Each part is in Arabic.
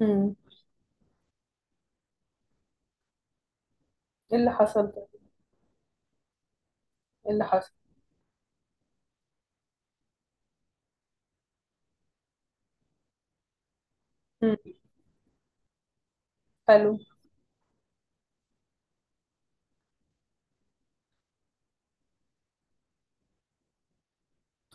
امم. ايه اللي حصل ده؟ ايه اللي حصل؟ امم. حلو،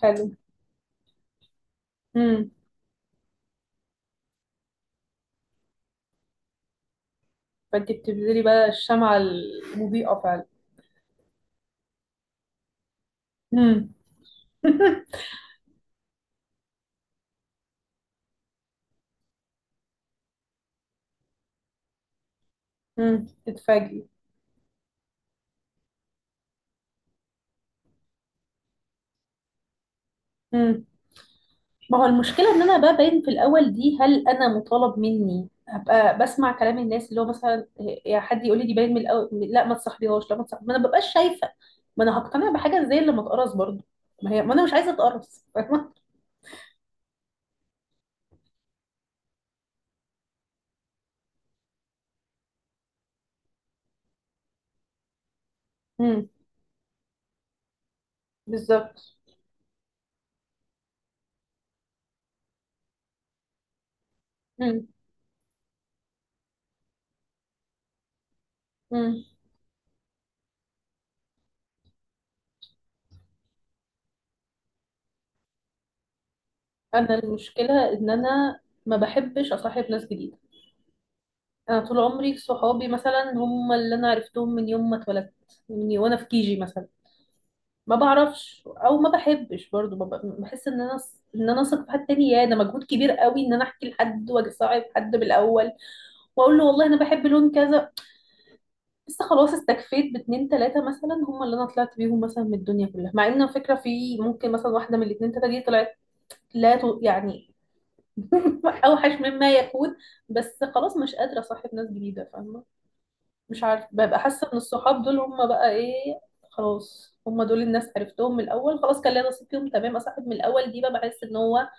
حلو. امم. فانت بتبذلي بقى الشمعة المضيئة فعلا. امم. تتفاجئي. امم. ما هو المشكلة ان انا بقى باين في الاول دي، هل انا مطالب مني ابقى بسمع كلام الناس اللي هو مثلا يا حد يقول لي دي باين من الاول، لا ما تصاحبيهاش، لا ما تصاحبيهاش، ما انا ببقاش شايفة. ما انا هقتنع بحاجة زي اللي ما اتقرص برضه. ما هي ما انا مش عايزة اتقرص، فاهمة؟ امم. بالظبط. امم. امم. انا المشكله ان انا ما بحبش اصاحب ناس جديده. انا طول عمري صحابي مثلا هم اللي انا عرفتهم من يوم ما اتولدت، من وانا في كيجي مثلا. ما بعرفش او ما بحبش برضو بحس ان انا اثق في حد تاني، يا ده مجهود كبير قوي ان انا احكي لحد واصاحب حد بالاول، واقول له والله انا بحب لون كذا. بس خلاص استكفيت باتنين تلاته مثلا هم اللي انا طلعت بيهم مثلا من الدنيا كلها، مع ان على فكره في ممكن مثلا واحده من الاتنين تلاته دي طلعت لا ت- يعني اوحش مما يكون. بس خلاص مش قادره اصاحب ناس جديده، فاهمه. مش عارفه ببقى حاسه ان الصحاب دول هم بقى ايه؟ خلاص هم دول الناس عرفتهم من الاول، خلاص كان ليا نصيب فيهم، تمام. اصاحب من الاول دي بقى بحس ان هو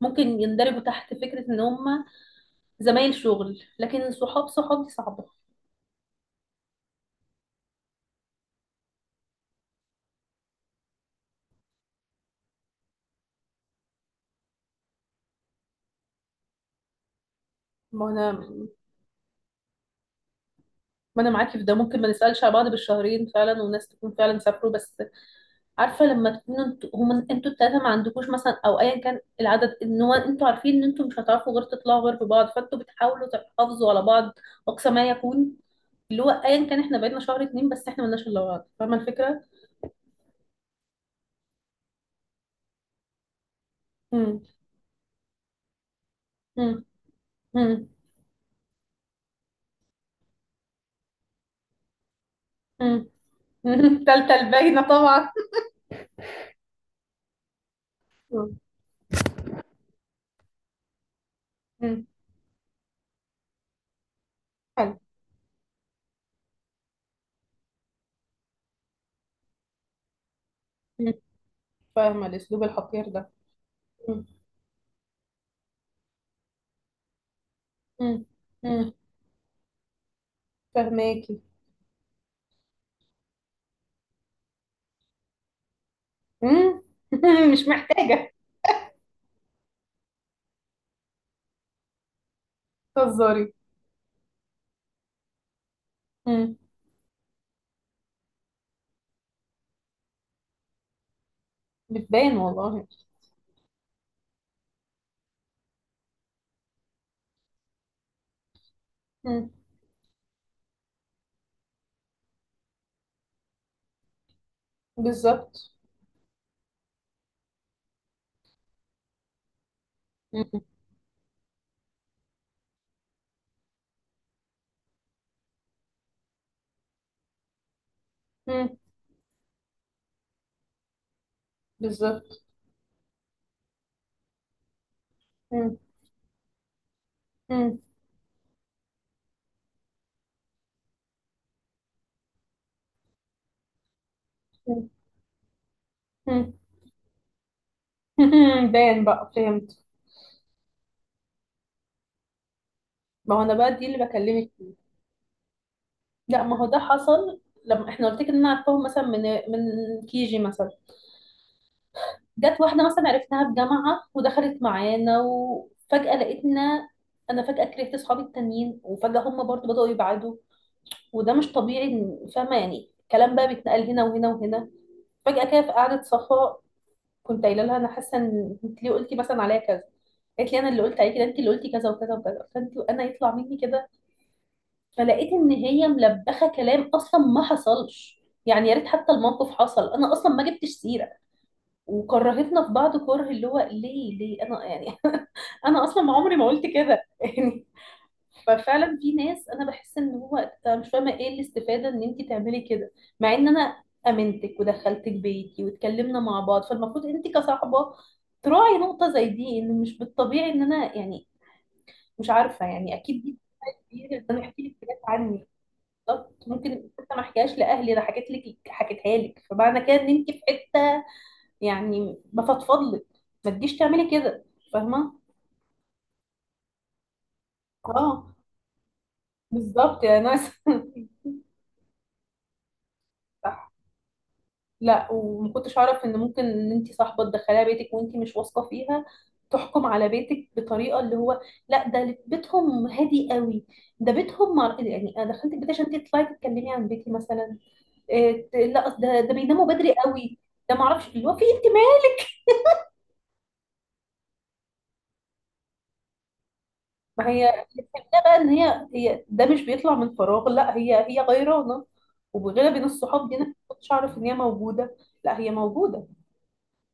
ممكن يندرجوا تحت فكره ان هم زمايل شغل، لكن صحاب صحاب دي صعبه. ما انا ما انا معاكي في ده، ممكن ما نسالش على بعض بالشهرين فعلا، وناس تكون فعلا سافروا، بس عارفه. لما تكونوا انتوا هم انتوا التلاته ما عندكوش مثلا، او ايا كان العدد، ان هو انتوا عارفين ان انتوا مش هتعرفوا غير تطلعوا غير ببعض، فانتوا بتحاولوا تحافظوا على بعض اقصى ما يكون، اللي هو ايا كان احنا بقينا شهر اتنين بس احنا ملناش الا بعض. فاهمه الفكره؟ امم. امم. امم. امم. تالتة الباينه طبعا. مم. مم. حلو. مم. فاهمه الاسلوب الحقير ده. مم. مم. مم. فاهماكي. مم. مش محتاجه. تهزري. مم. بتبان والله. مم. بالظبط. مم. مم. بالظبط. مم. مم. مم. مم. باين بقى، فهمت. ما هو انا بقى دي اللي بكلمك فيه. لا ما هو ده حصل لما احنا قلت لك ان انا عرفتهم مثلا من كيجي مثلا. جت واحده مثلا عرفناها في جامعه ودخلت معانا وفجاه لقيتنا. انا فجاه كرهت اصحابي التانيين وفجاه هم برضو بداوا يبعدوا، وده مش طبيعي. فاهمه يعني الكلام بقى بيتنقل هنا وهنا وهنا، فجأة كده في قعدة صفاء كنت قايله لها انا حاسه ان انت ليه قلتي مثلا عليا كذا، قالت لي انا اللي قلت عليكي؟ ده انت اللي قلتي كذا وكذا وكذا، فانت وانا يطلع مني كده. فلقيت ان هي ملبخه كلام، اصلا ما حصلش، يعني يا ريت حتى الموقف حصل، انا اصلا ما جبتش سيره. وكرهتنا في بعض كره، اللي هو ليه ليه انا يعني انا اصلا عمري ما قلت كده. ففعلا في ناس انا بحس ان هو أنا مش فاهمه ايه الاستفاده ان انت تعملي كده، مع ان انا امنتك ودخلتك بيتي واتكلمنا مع بعض، فالمفروض انت كصاحبه تراعي نقطه زي دي، ان مش بالطبيعي ان انا يعني مش عارفه يعني اكيد دي كتير انا احكي لك حاجات عني. بالظبط، ممكن حتى ما احكيهاش لاهلي انا حكيت لك، حكيتها لك، فمعنى كده ان انت في حته يعني بفضفض لك، ما تجيش تعملي كده. فاهمه. اه، بالظبط يا ناس. لا وما كنتش اعرف ان ممكن ان انت صاحبه تدخليها بيتك وانت مش واثقه فيها، تحكم على بيتك بطريقه اللي هو، لا ده بيتهم هادي قوي. ده بيتهم مع... يعني انا دخلت البيت عشان انت تطلعي تتكلمي عن بيتي مثلا؟ لا أصل ده بيناموا بدري قوي، ده ما اعرفش اللي هو في انتماء. ما هي الفكره بقى ان هي ده مش بيطلع من فراغ، لا هي غيرانه، وبغيرها بين الصحاب دي انا ما كنتش اعرف ان هي موجوده، لا هي موجوده،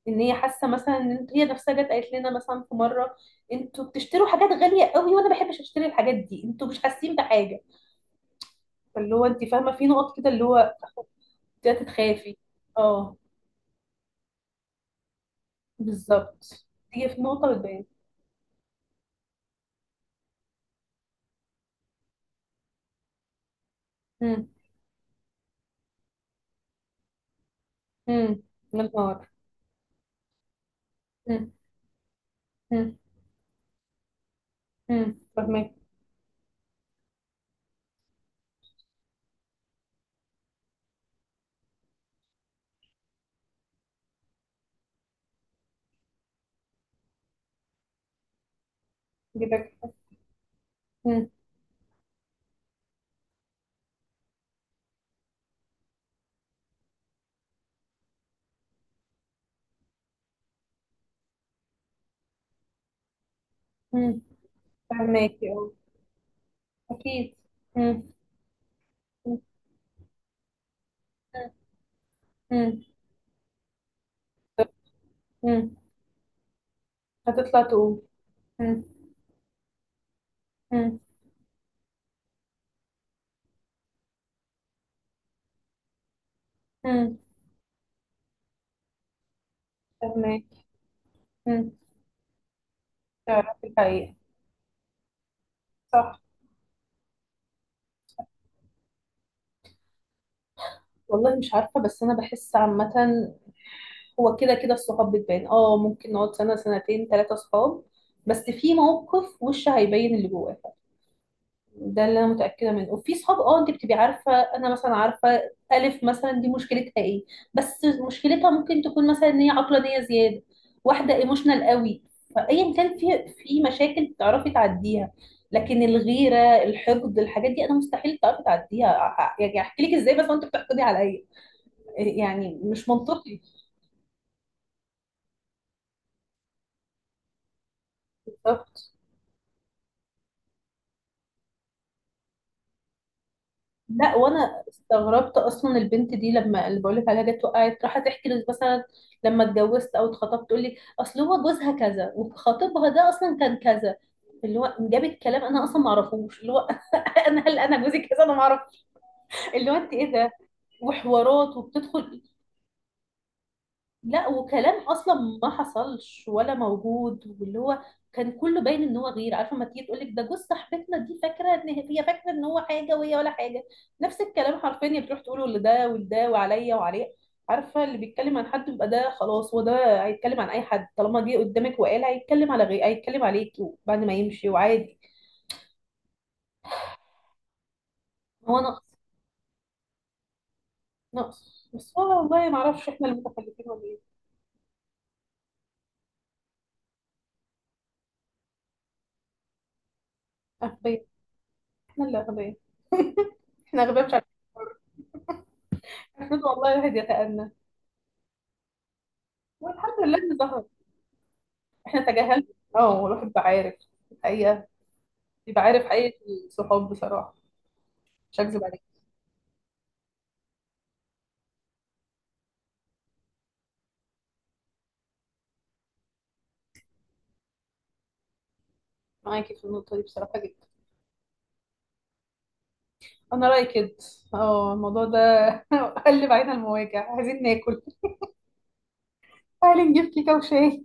ان هي حاسه مثلا، ان هي نفسها جت قالت لنا مثلا في مره انتوا بتشتروا حاجات غاليه قوي وانا ما بحبش اشتري الحاجات دي، انتوا مش حاسين بحاجه. فاللي هو انت فاهمه في نقط كده اللي هو بدات تخافي. اه، بالظبط. هي في نقطه بتبان. امم. امم. يا نهار. امم. امم. امم. فاهمك. جدا. امم. امم. فاهماكي. اه، اكيد. امم. امم. امم. امم. هتطلع تقول. امم. امم. امم. فاهماكي. امم. تعرفي الحقيقه. صح. والله مش عارفة، بس أنا بحس عامة هو كده كده الصحاب بتبان. اه، ممكن نقعد سنة سنتين ثلاثة صحاب، بس في موقف وش هيبين اللي جواك، ده اللي أنا متأكدة منه. وفي صحاب، اه، أنت بتبقي عارفة. أنا مثلا عارفة ألف مثلا دي مشكلتها إيه، بس مشكلتها ممكن تكون مثلا إن هي عقلانية زيادة، واحدة ايموشنال قوي، فأيا كان في مشاكل بتعرفي تعديها. لكن الغيرة، الحقد، الحاجات دي أنا مستحيل تعرفي تعديها، يعني أحكي لك إزاي بس وأنت بتحقدي عليا؟ يعني مش منطقي. بالظبط. لا وانا استغربت اصلا البنت دي، لما اللي بقول لك عليها جت وقعت راحت تحكي لي مثلا لما اتجوزت او اتخطبت، تقول لي اصل هو جوزها كذا وخطيبها ده اصلا كان كذا، اللي هو جابت كلام انا اصلا ما اعرفوش. اللي هو انا هل انا جوزي كذا؟ انا ما اعرف. اللي هو انت ايه ده، وحوارات وبتدخل. لا وكلام اصلا ما حصلش ولا موجود، واللي هو كان كله باين ان هو غير عارفه، ما تيجي تقول لك ده جوز صاحبتنا دي، فاكره ان هي فاكره ان هو حاجه وهي ولا حاجه. نفس الكلام حرفيا هي بتروح تقوله لده ولده وعليا وعليه. عارفه، اللي بيتكلم عن حد يبقى ده خلاص، هو ده هيتكلم عن اي حد، طالما جه قدامك وقال هيتكلم على غير، هيتكلم عليك بعد ما يمشي، وعادي. هو نقص، نقص. بس هو والله ما اعرفش احنا اللي متخلفين ولا ايه. اغبياء. احنا اللي اغبياء. احنا اغبياء مش عارفين. المفروض والله الواحد يتأنى، والحمد لله ان ظهر. احنا تجاهلنا. اه، والواحد بقى عارف الحقيقة. بيبقى عارف حقيقة الصحاب بصراحة. مش هكذب عليك، معاكي في النقطة دي بصراحة جدا. أنا رأيي كده. اه، الموضوع ده قلب علينا المواجع. عايزين ناكل. تعالي نجيب كيكة وشاي.